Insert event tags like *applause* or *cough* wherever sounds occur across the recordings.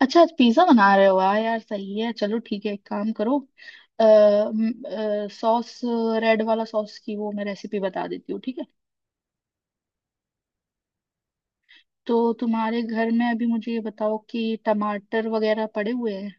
अच्छा आज पिज्जा बना रहे हो, वाह यार सही है। चलो ठीक है, एक काम करो। अः सॉस, रेड वाला सॉस की वो मैं रेसिपी बता देती हूँ, ठीक है। तो तुम्हारे घर में अभी मुझे ये बताओ कि टमाटर वगैरह पड़े हुए हैं।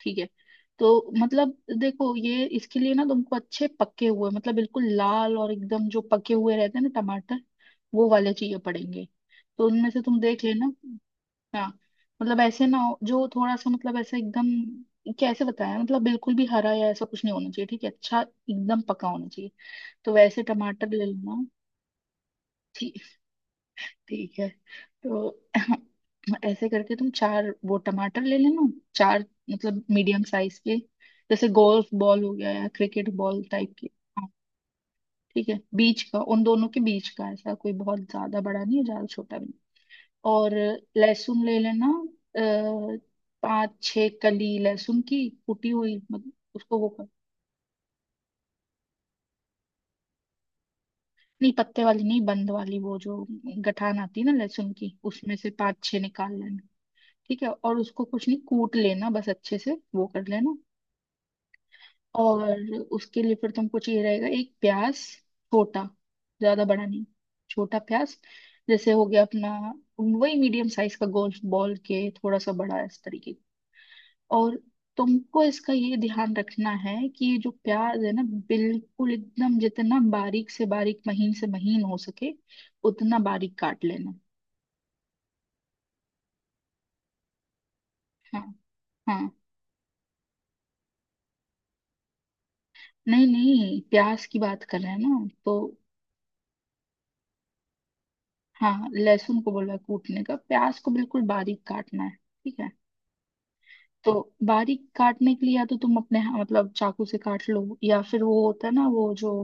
ठीक है। तो मतलब देखो, ये इसके लिए ना तुमको अच्छे पके हुए मतलब बिल्कुल लाल और एकदम जो पके हुए रहते हैं ना टमाटर, वो वाले चाहिए पड़ेंगे। तो उनमें से तुम देख लेना। हाँ। मतलब ऐसे ना हो जो थोड़ा सा मतलब, ऐसा एकदम कैसे बताया, मतलब बिल्कुल भी हरा या ऐसा कुछ नहीं होना चाहिए, ठीक है। अच्छा, एकदम पका होना चाहिए। तो वैसे टमाटर ले लेना। ठीक। ठीक है। तो *laughs* *clears throat* ऐसे करके तुम चार वो टमाटर ले लेना। चार, मतलब मीडियम साइज के, जैसे गोल्फ बॉल हो गया या क्रिकेट बॉल टाइप के। हाँ, ठीक है, बीच का, उन दोनों के बीच का, ऐसा कोई बहुत ज्यादा बड़ा नहीं है, ज्यादा छोटा भी नहीं। और लहसुन ले लेना। अ, पाँच छह कली लहसुन की, कुटी हुई, मतलब उसको वो कर। नहीं, पत्ते वाली नहीं, बंद वाली, वो जो गठान आती है ना लहसुन की, उसमें से पाँच छह निकाल लेना। ठीक है। और उसको कुछ नहीं, कूट लेना बस अच्छे से, वो कर लेना। और उसके लिए फिर तुमको चाहिए रहेगा एक प्याज, छोटा, ज्यादा बड़ा नहीं, छोटा प्याज, जैसे हो गया अपना, वही मीडियम साइज का, गोल बॉल के थोड़ा सा बड़ा इस तरीके। और तुमको इसका ये ध्यान रखना है कि ये जो प्याज है ना, बिल्कुल एकदम जितना बारीक से बारीक, महीन से महीन हो सके, उतना बारीक काट लेना। हाँ हाँ। नहीं नहीं, प्याज की बात कर रहे हैं ना तो। हाँ, लहसुन को बोला कूटने का, प्याज को बिल्कुल बारीक काटना है, ठीक है। तो बारीक काटने के लिए या तो तुम अपने हाँ, मतलब चाकू से काट लो, या फिर वो होता है ना, वो जो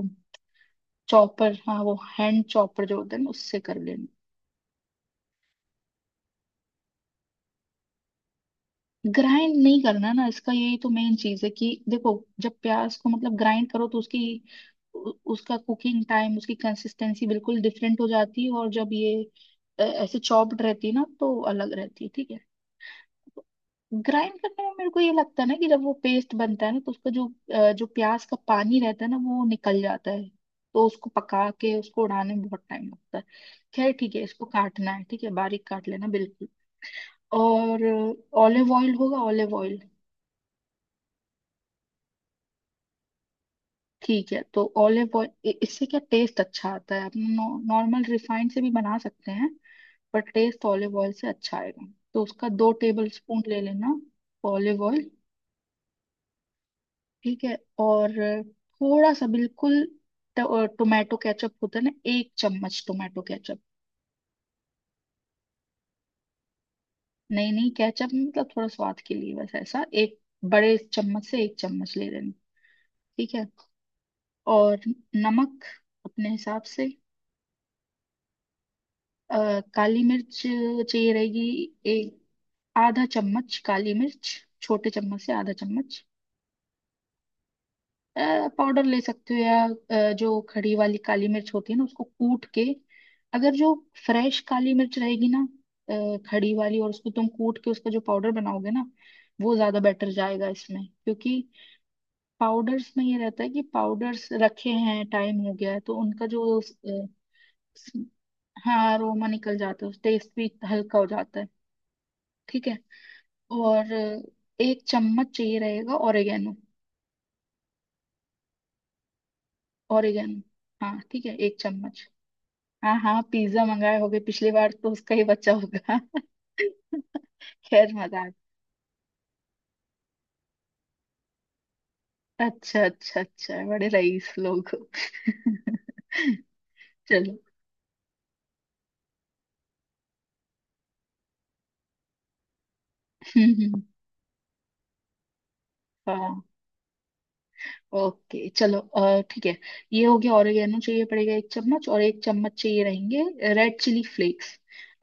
चॉपर, हाँ वो हैंड चॉपर जो होता है ना, उससे कर लेना। ग्राइंड नहीं करना ना इसका, यही तो मेन चीज है कि देखो, जब प्याज को मतलब ग्राइंड करो तो उसकी उसका कुकिंग टाइम, उसकी कंसिस्टेंसी बिल्कुल डिफरेंट हो जाती है, और जब ये ऐसे चॉप्ड रहती है ना तो अलग रहती है, ठीक है। ग्राइंड करने में मेरे को ये लगता है ना कि जब वो पेस्ट बनता है ना तो उसका जो जो प्याज का पानी रहता है ना वो निकल जाता है, तो उसको पका के उसको उड़ाने में बहुत टाइम लगता है। खैर ठीक है, इसको काटना है, ठीक है, बारीक काट लेना बिल्कुल। और ऑलिव ऑयल होगा, ऑलिव ऑयल। ठीक है, तो ऑलिव ऑयल, इससे क्या टेस्ट अच्छा आता है, आप नॉर्मल रिफाइंड से भी बना सकते हैं, पर टेस्ट ऑलिव ऑयल से अच्छा आएगा। तो उसका 2 टेबल स्पून ले लेना, ऑलिव ऑयल। ठीक है। और थोड़ा सा, बिल्कुल टोमेटो केचप होता है ना, एक चम्मच टोमेटो केचप। नहीं नहीं, केचप मतलब थोड़ा स्वाद के लिए बस, ऐसा एक बड़े चम्मच से एक चम्मच ले लेना, ठीक है। और नमक अपने हिसाब से। काली मिर्च चाहिए रहेगी, एक आधा चम्मच काली मिर्च, छोटे चम्मच से आधा चम्मच। पाउडर ले सकते हो या जो खड़ी वाली काली मिर्च होती है ना उसको कूट के, अगर जो फ्रेश काली मिर्च रहेगी ना, खड़ी वाली, और उसको तुम कूट के उसका जो पाउडर बनाओगे ना, वो ज्यादा बेटर जाएगा इसमें, क्योंकि पाउडर्स में ये रहता है कि पाउडर्स रखे हैं, टाइम हो गया है, तो उनका जो हाँ, अरोमा निकल जाता है, टेस्ट भी हल्का हो जाता है, ठीक है। और एक चम्मच चाहिए रहेगा, ओरिगेनो। ओरिगेनो, हाँ ठीक है, एक चम्मच। हाँ हाँ, पिज्जा मंगाए होगे पिछली बार, तो उसका ही बचा होगा। *laughs* खैर मजाक। अच्छा अच्छा अच्छा, बड़े रईस लोग हो। *laughs* चलो। हम्म हम्म, हाँ ओके, चलो ठीक है। ये हो गया, ऑरिगेनो चाहिए पड़ेगा एक चम्मच, और एक चम्मच चाहिए रहेंगे रेड चिली फ्लेक्स।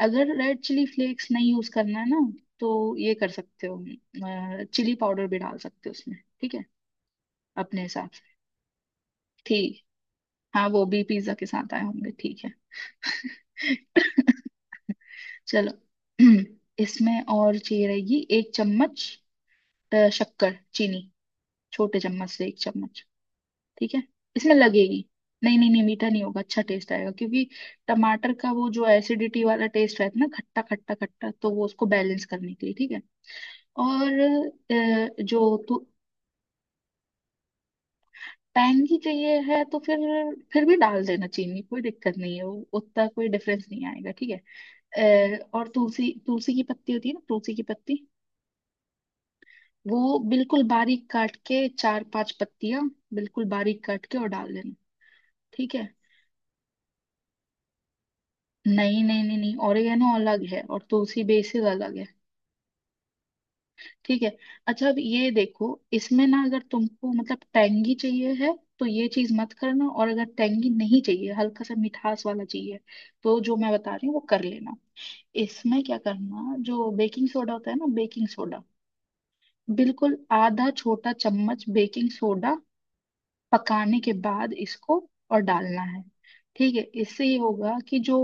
अगर रेड चिली फ्लेक्स नहीं यूज करना है ना, तो ये कर सकते हो, चिली पाउडर भी डाल सकते हो उसमें, ठीक है, अपने हिसाब से। ठीक। हाँ, वो भी पिज्जा के साथ आए होंगे, ठीक है। *laughs* चलो। *clears throat* इसमें और चाहिए रहेगी एक चम्मच शक्कर, चीनी, छोटे चम्मच से एक चम्मच, ठीक है, इसमें लगेगी। नहीं नहीं नहीं, मीठा नहीं होगा, अच्छा टेस्ट आएगा क्योंकि टमाटर का वो जो एसिडिटी वाला टेस्ट रहता है ना, खट्टा खट्टा खट्टा, तो वो उसको बैलेंस करने के लिए, ठीक है। और जो तो, पैंगी चाहिए है तो फिर भी डाल देना चीनी, कोई दिक्कत नहीं है, वो उतना कोई डिफरेंस नहीं आएगा, ठीक है। और तुलसी, तुलसी की पत्ती होती है ना, तुलसी की पत्ती, वो बिल्कुल बारीक काट के, चार पांच पत्तियां बिल्कुल बारीक काट के और डाल देना, ठीक है। नहीं नहीं नहीं नहीं, ओरिगेनो अलग है और तुलसी बेसिल अलग है, ठीक है। अच्छा, अब ये देखो, इसमें ना अगर तुमको मतलब टेंगी चाहिए है, तो ये चीज मत करना, और अगर टेंगी नहीं चाहिए, हल्का सा मिठास वाला चाहिए, तो जो मैं बता रही हूँ वो कर लेना। इसमें क्या करना, जो बेकिंग सोडा होता है ना, बेकिंग सोडा, बिल्कुल आधा छोटा चम्मच बेकिंग सोडा, पकाने के बाद इसको और डालना है, ठीक है। इससे ये होगा कि जो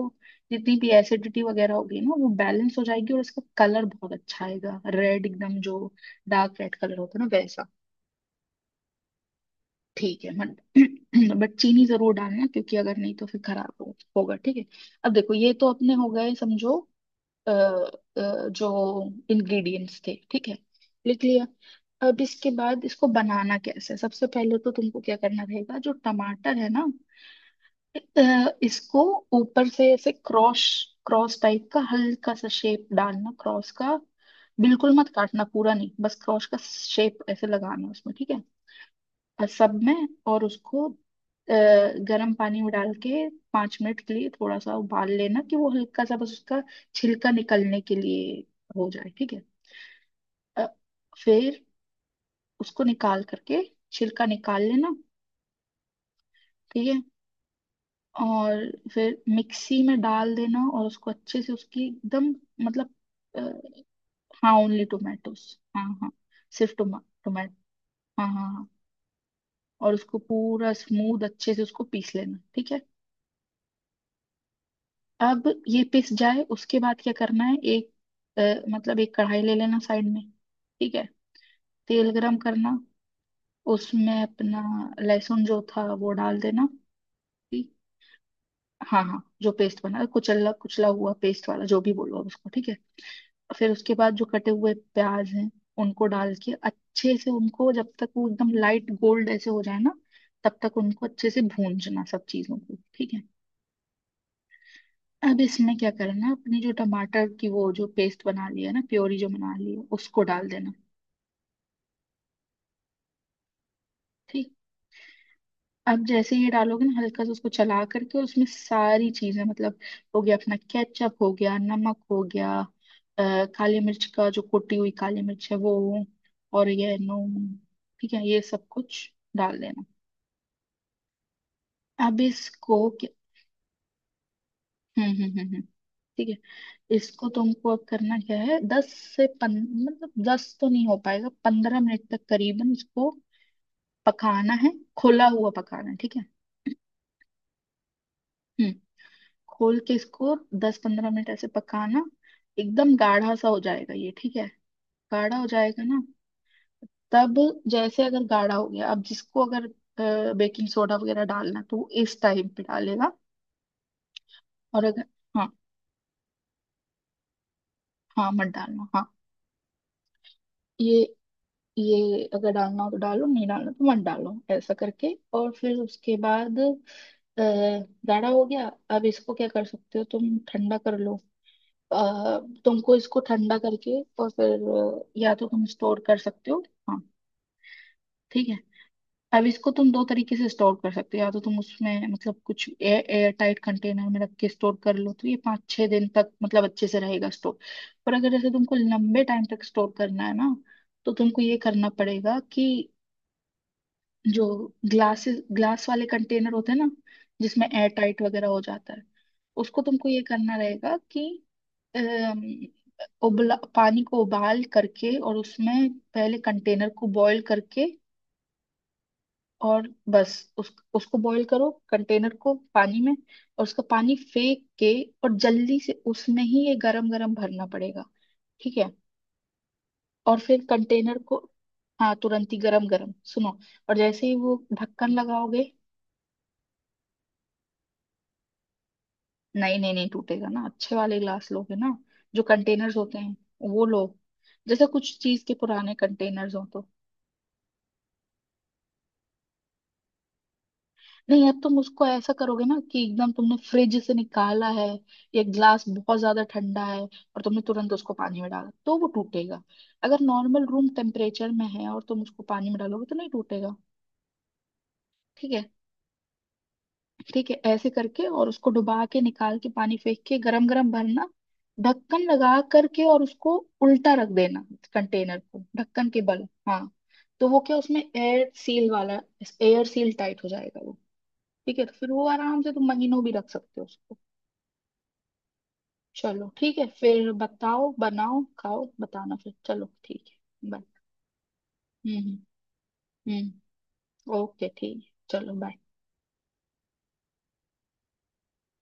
जितनी भी एसिडिटी वगैरह होगी ना, वो बैलेंस हो जाएगी, और इसका कलर बहुत अच्छा आएगा, रेड एकदम, जो डार्क रेड कलर होता है ना, वैसा। ठीक है मत, *clears throat* बट चीनी जरूर डालना क्योंकि अगर नहीं तो फिर खराब होगा, ठीक है। अब देखो, ये तो अपने हो गए समझो जो इंग्रेडिएंट्स थे, ठीक है, लिख लिया। अब इसके बाद इसको बनाना कैसे है, सबसे पहले तो तुमको क्या करना रहेगा, जो टमाटर है ना अ, इसको ऊपर से ऐसे क्रॉस, क्रॉस टाइप का हल्का सा शेप डालना, क्रॉस का। बिल्कुल मत काटना पूरा, नहीं, बस क्रॉस का शेप ऐसे लगाना उसमें, ठीक है। और सब में, और उसको गरम पानी में डाल के 5 मिनट के लिए थोड़ा सा उबाल लेना, कि वो हल्का सा बस उसका छिलका निकलने के लिए हो जाए, ठीक है। अ, फिर उसको निकाल करके छिलका निकाल लेना, ठीक है। और फिर मिक्सी में डाल देना, और उसको अच्छे से उसकी एकदम, मतलब अ, हाँ, ओनली टोमेटोस, हाँ हाँ, सिर्फ टोमा टोमेटो, हाँ हाँ हाँ। और उसको पूरा स्मूथ अच्छे से उसको पीस लेना, ठीक है। अब ये पिस जाए, उसके बाद क्या करना है, एक मतलब एक कढ़ाई ले लेना साइड में, ठीक है। तेल गरम करना, उसमें अपना लहसुन जो था वो डाल देना, ठीक? हाँ हाँ, जो पेस्ट बना, कुचला कुचला हुआ, पेस्ट वाला जो भी बोलो आप उसको, ठीक है। फिर उसके बाद जो कटे हुए प्याज हैं, उनको डाल के अच्छे से, उनको जब तक वो एकदम लाइट गोल्ड ऐसे हो जाए ना, तब तक उनको अच्छे से भूनना, सब चीजों को, ठीक है। अब इसमें क्या करना है, अपनी जो टमाटर की वो जो पेस्ट बना ली है ना, प्योरी जो बना ली है, उसको डाल देना, ठीक है। अब जैसे ये डालोगे ना, हल्का सा उसको चला करके, और उसमें सारी चीजें, मतलब हो गया अपना केचप, हो गया नमक, हो गया काली मिर्च का, जो कुटी हुई काली मिर्च है वो, और ये नून, ठीक है, ये सब कुछ डाल देना। अब इसको हम्म हम्म हम्म हम्म, ठीक है। इसको तुमको अब करना क्या है, दस से पन मतलब दस तो नहीं हो पाएगा, 15 मिनट तक करीबन इसको पकाना है। खुला हुआ पकाना है, ठीक है। हम्म, खोल के इसको 10-15 मिनट ऐसे पकाना, एकदम गाढ़ा सा हो जाएगा ये, ठीक है। गाढ़ा हो जाएगा ना, तब, जैसे अगर गाढ़ा हो गया, अब जिसको अगर बेकिंग सोडा वगैरह डालना, तो वो इस टाइम पे डालेगा। और अगर, हाँ हाँ, मत डालना, हाँ। ये ये अगर डालना हो तो डालो, नहीं डालना तो मत डालो, ऐसा करके, और फिर उसके बाद गाढ़ा हो गया। अब इसको क्या कर सकते हो, तुम ठंडा कर लो। अ, तुमको इसको ठंडा करके, और फिर या तो तुम स्टोर कर सकते हो। हाँ, ठीक है। अब इसको तुम दो तरीके से स्टोर कर सकते हो, या तो तुम उसमें मतलब कुछ एयर एयर टाइट कंटेनर में रख के स्टोर कर लो, तो ये 5-6 दिन तक मतलब अच्छे से रहेगा स्टोर। पर अगर जैसे तुमको लंबे टाइम तक स्टोर करना है ना, तो तुमको ये करना पड़ेगा कि जो ग्लास वाले कंटेनर होते हैं ना, जिसमें एयर टाइट वगैरह हो जाता है, उसको तुमको ये करना रहेगा कि अम, उबला पानी को उबाल करके, और उसमें पहले कंटेनर को बॉईल करके, और बस उस उसको बॉईल करो कंटेनर को पानी में, और उसका पानी फेंक के, और जल्दी से उसमें ही ये गरम गरम भरना पड़ेगा, ठीक है। और फिर कंटेनर को, हाँ तुरंत ही गरम गरम सुनो, और जैसे ही वो ढक्कन लगाओगे। नहीं नहीं नहीं, टूटेगा ना, अच्छे वाले ग्लास लोगे ना, जो कंटेनर्स होते हैं वो लो, जैसे कुछ चीज के पुराने कंटेनर्स हो तो। नहीं, अब तुम उसको ऐसा करोगे ना कि एकदम तुमने फ्रिज से निकाला है, ये ग्लास बहुत ज्यादा ठंडा है, और तुमने तुरंत उसको पानी में डाला, तो वो टूटेगा। अगर नॉर्मल रूम टेम्परेचर में है और तुम उसको पानी में डालोगे, तो नहीं टूटेगा, ठीक है। ठीक है, ऐसे करके और उसको डुबा के निकाल के, पानी फेंक के, गरम गरम भरना, ढक्कन लगा करके, और उसको उल्टा रख देना, कंटेनर को ढक्कन के बल, हाँ। तो वो क्या, उसमें एयर सील टाइट हो जाएगा वो, ठीक है। तो फिर वो आराम से तुम महीनों भी रख सकते हो उसको। चलो ठीक है, फिर बताओ, बनाओ, खाओ, बताना फिर, चलो ठीक है, बाय। हम्म हम्म ओके ठीक है, चलो बाय।